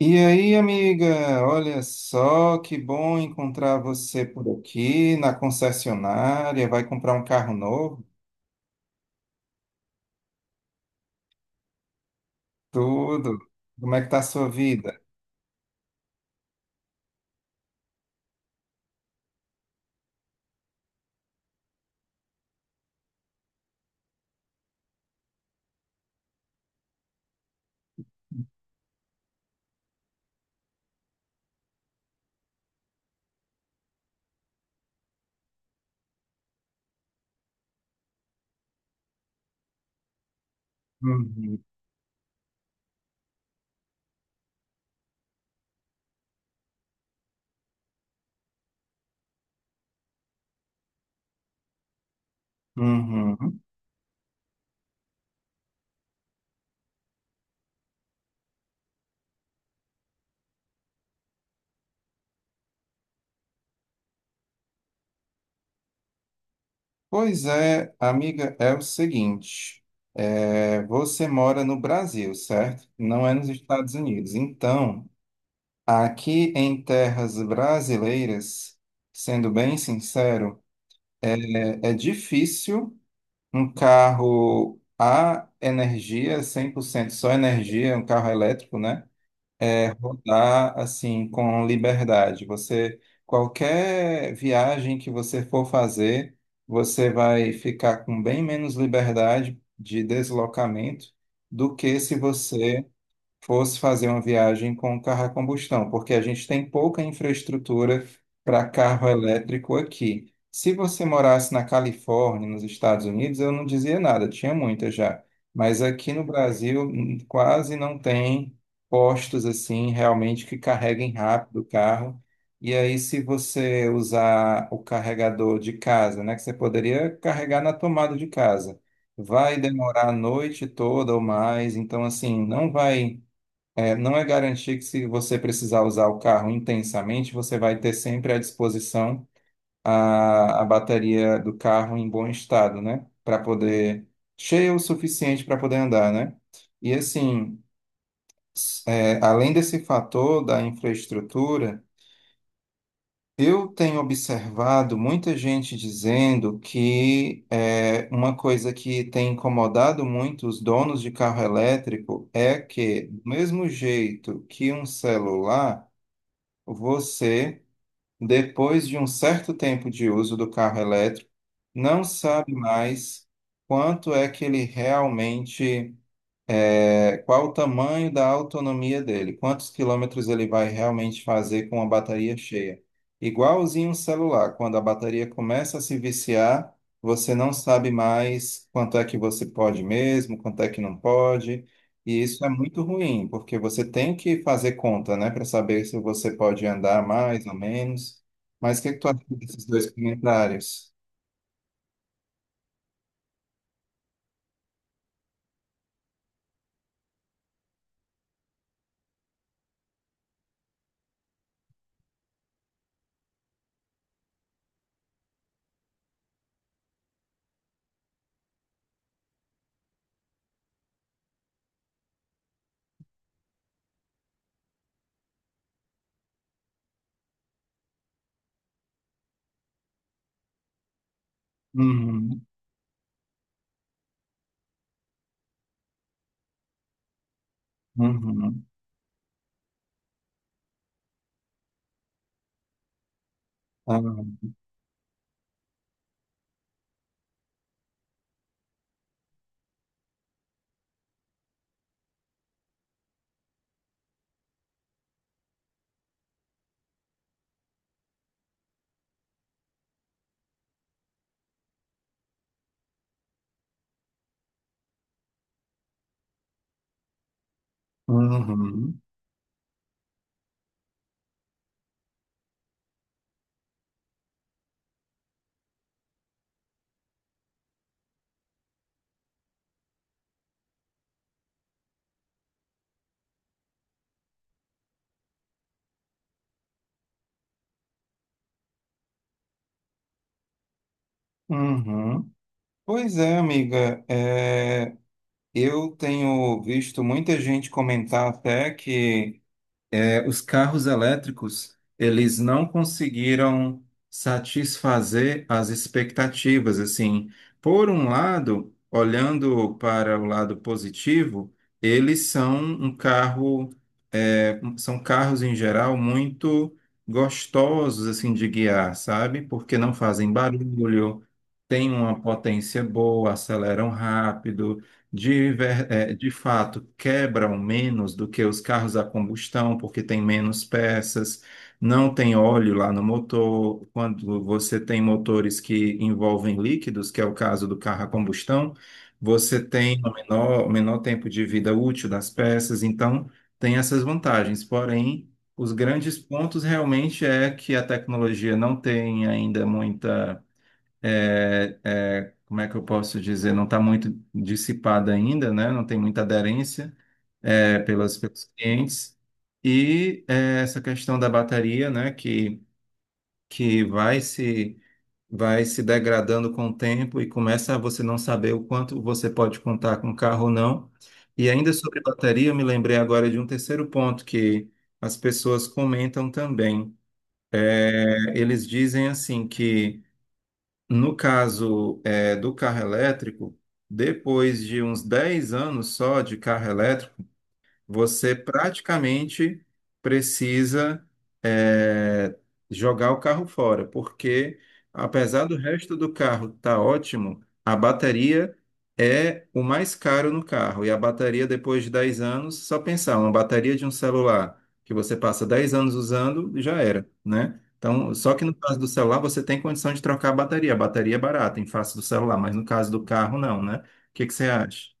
E aí, amiga, olha só que bom encontrar você por aqui na concessionária. Vai comprar um carro novo? Tudo. Como é que tá a sua vida? Uhum, uhum. Pois é, amiga, é o seguinte: você mora no Brasil, certo? Não é nos Estados Unidos. Então, aqui em terras brasileiras, sendo bem sincero, é difícil. Um carro a energia, 100% só energia, um carro elétrico, né? É rodar assim com liberdade. Você, qualquer viagem que você for fazer, você vai ficar com bem menos liberdade de deslocamento do que se você fosse fazer uma viagem com carro a combustão, porque a gente tem pouca infraestrutura para carro elétrico aqui. Se você morasse na Califórnia, nos Estados Unidos, eu não dizia nada, tinha muita já. Mas aqui no Brasil quase não tem postos assim realmente que carreguem rápido o carro. E aí, se você usar o carregador de casa, né, que você poderia carregar na tomada de casa, vai demorar a noite toda ou mais. Então, assim, não vai não é garantir que se você precisar usar o carro intensamente, você vai ter sempre à disposição a bateria do carro em bom estado, né? Para poder, cheia o suficiente para poder andar, né? E assim, além desse fator da infraestrutura, eu tenho observado muita gente dizendo que uma coisa que tem incomodado muito os donos de carro elétrico é que, do mesmo jeito que um celular. Você, depois de um certo tempo de uso do carro elétrico, não sabe mais quanto é que ele realmente qual o tamanho da autonomia dele? Quantos quilômetros ele vai realmente fazer com a bateria cheia? Igualzinho um celular, quando a bateria começa a se viciar, você não sabe mais quanto é que você pode mesmo, quanto é que não pode. E isso é muito ruim, porque você tem que fazer conta, né, para saber se você pode andar mais ou menos. Mas o que é que tu acha desses dois comentários? Uhum, uhum, ah, uhum, uhum. Pois é, amiga. Eu tenho visto muita gente comentar até que os carros elétricos, eles não conseguiram satisfazer as expectativas, assim. Por um lado, olhando para o lado positivo, eles são um carro, são carros em geral muito gostosos, assim, de guiar, sabe? Porque não fazem barulho, têm uma potência boa, aceleram rápido, de fato quebram menos do que os carros a combustão, porque tem menos peças, não tem óleo lá no motor. Quando você tem motores que envolvem líquidos, que é o caso do carro a combustão, você tem o menor tempo de vida útil das peças, então tem essas vantagens. Porém, os grandes pontos realmente é que a tecnologia não tem ainda muita como é que eu posso dizer, não está muito dissipada ainda, né? Não tem muita aderência pelos clientes. E essa questão da bateria, né? Que vai se degradando com o tempo e começa a você não saber o quanto você pode contar com o carro ou não. E ainda sobre bateria, eu me lembrei agora de um terceiro ponto que as pessoas comentam também. É, eles dizem assim que no caso, do carro elétrico, depois de uns 10 anos só de carro elétrico, você praticamente precisa é, jogar o carro fora, porque apesar do resto do carro estar ótimo, a bateria é o mais caro no carro. E a bateria, depois de 10 anos, só pensar, uma bateria de um celular que você passa dez anos usando, já era, né? Então, só que no caso do celular, você tem condição de trocar a bateria. A bateria é barata em face do celular, mas no caso do carro, não, né? O que que você acha?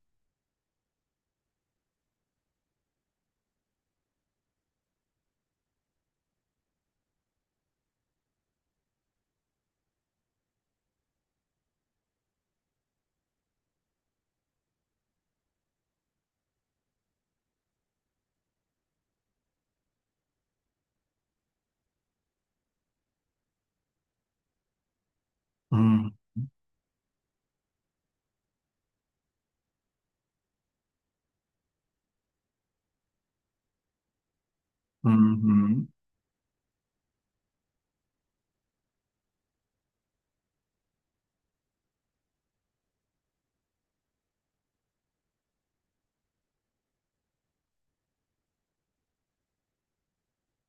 Hum, uhum,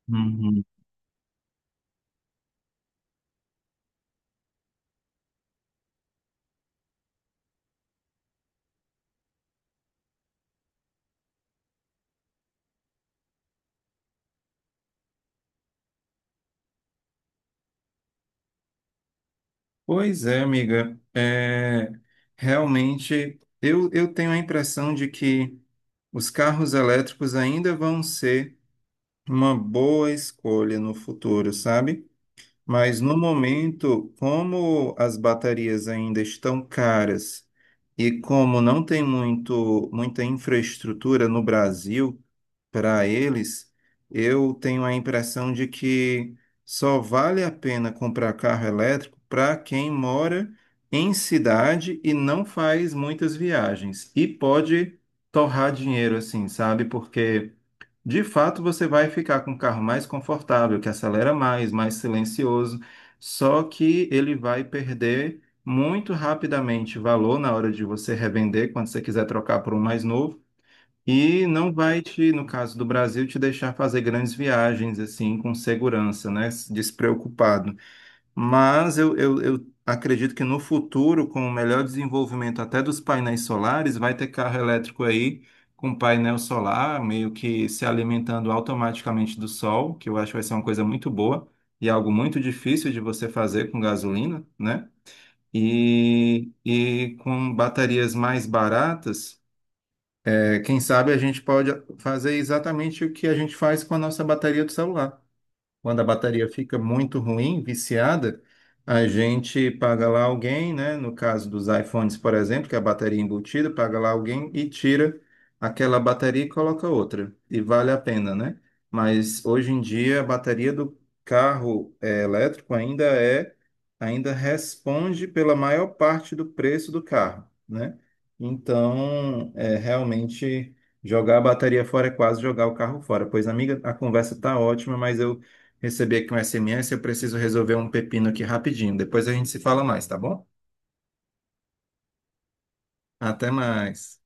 uhum. Pois é, amiga. É, realmente, eu tenho a impressão de que os carros elétricos ainda vão ser uma boa escolha no futuro, sabe? Mas no momento, como as baterias ainda estão caras e como não tem muito, muita infraestrutura no Brasil para eles, eu tenho a impressão de que só vale a pena comprar carro elétrico para quem mora em cidade e não faz muitas viagens e pode torrar dinheiro assim, sabe? Porque de fato, você vai ficar com um carro mais confortável, que acelera mais, mais silencioso, só que ele vai perder muito rapidamente valor na hora de você revender, quando você quiser trocar por um mais novo, e não vai te, no caso do Brasil, te deixar fazer grandes viagens assim com segurança, né? Despreocupado. Mas eu acredito que no futuro, com o melhor desenvolvimento até dos painéis solares, vai ter carro elétrico aí com painel solar, meio que se alimentando automaticamente do sol, que eu acho que vai ser uma coisa muito boa e algo muito difícil de você fazer com gasolina, né? E com baterias mais baratas, quem sabe a gente pode fazer exatamente o que a gente faz com a nossa bateria do celular. Quando a bateria fica muito ruim, viciada, a gente paga lá alguém, né? No caso dos iPhones, por exemplo, que é a bateria embutida, paga lá alguém e tira aquela bateria e coloca outra. E vale a pena, né? Mas hoje em dia a bateria do carro elétrico ainda é, ainda responde pela maior parte do preço do carro, né? Então, é realmente jogar a bateria fora é quase jogar o carro fora. Pois, amiga, a conversa tá ótima, mas eu recebi aqui um SMS, eu preciso resolver um pepino aqui rapidinho. Depois a gente se fala mais, tá bom? Até mais.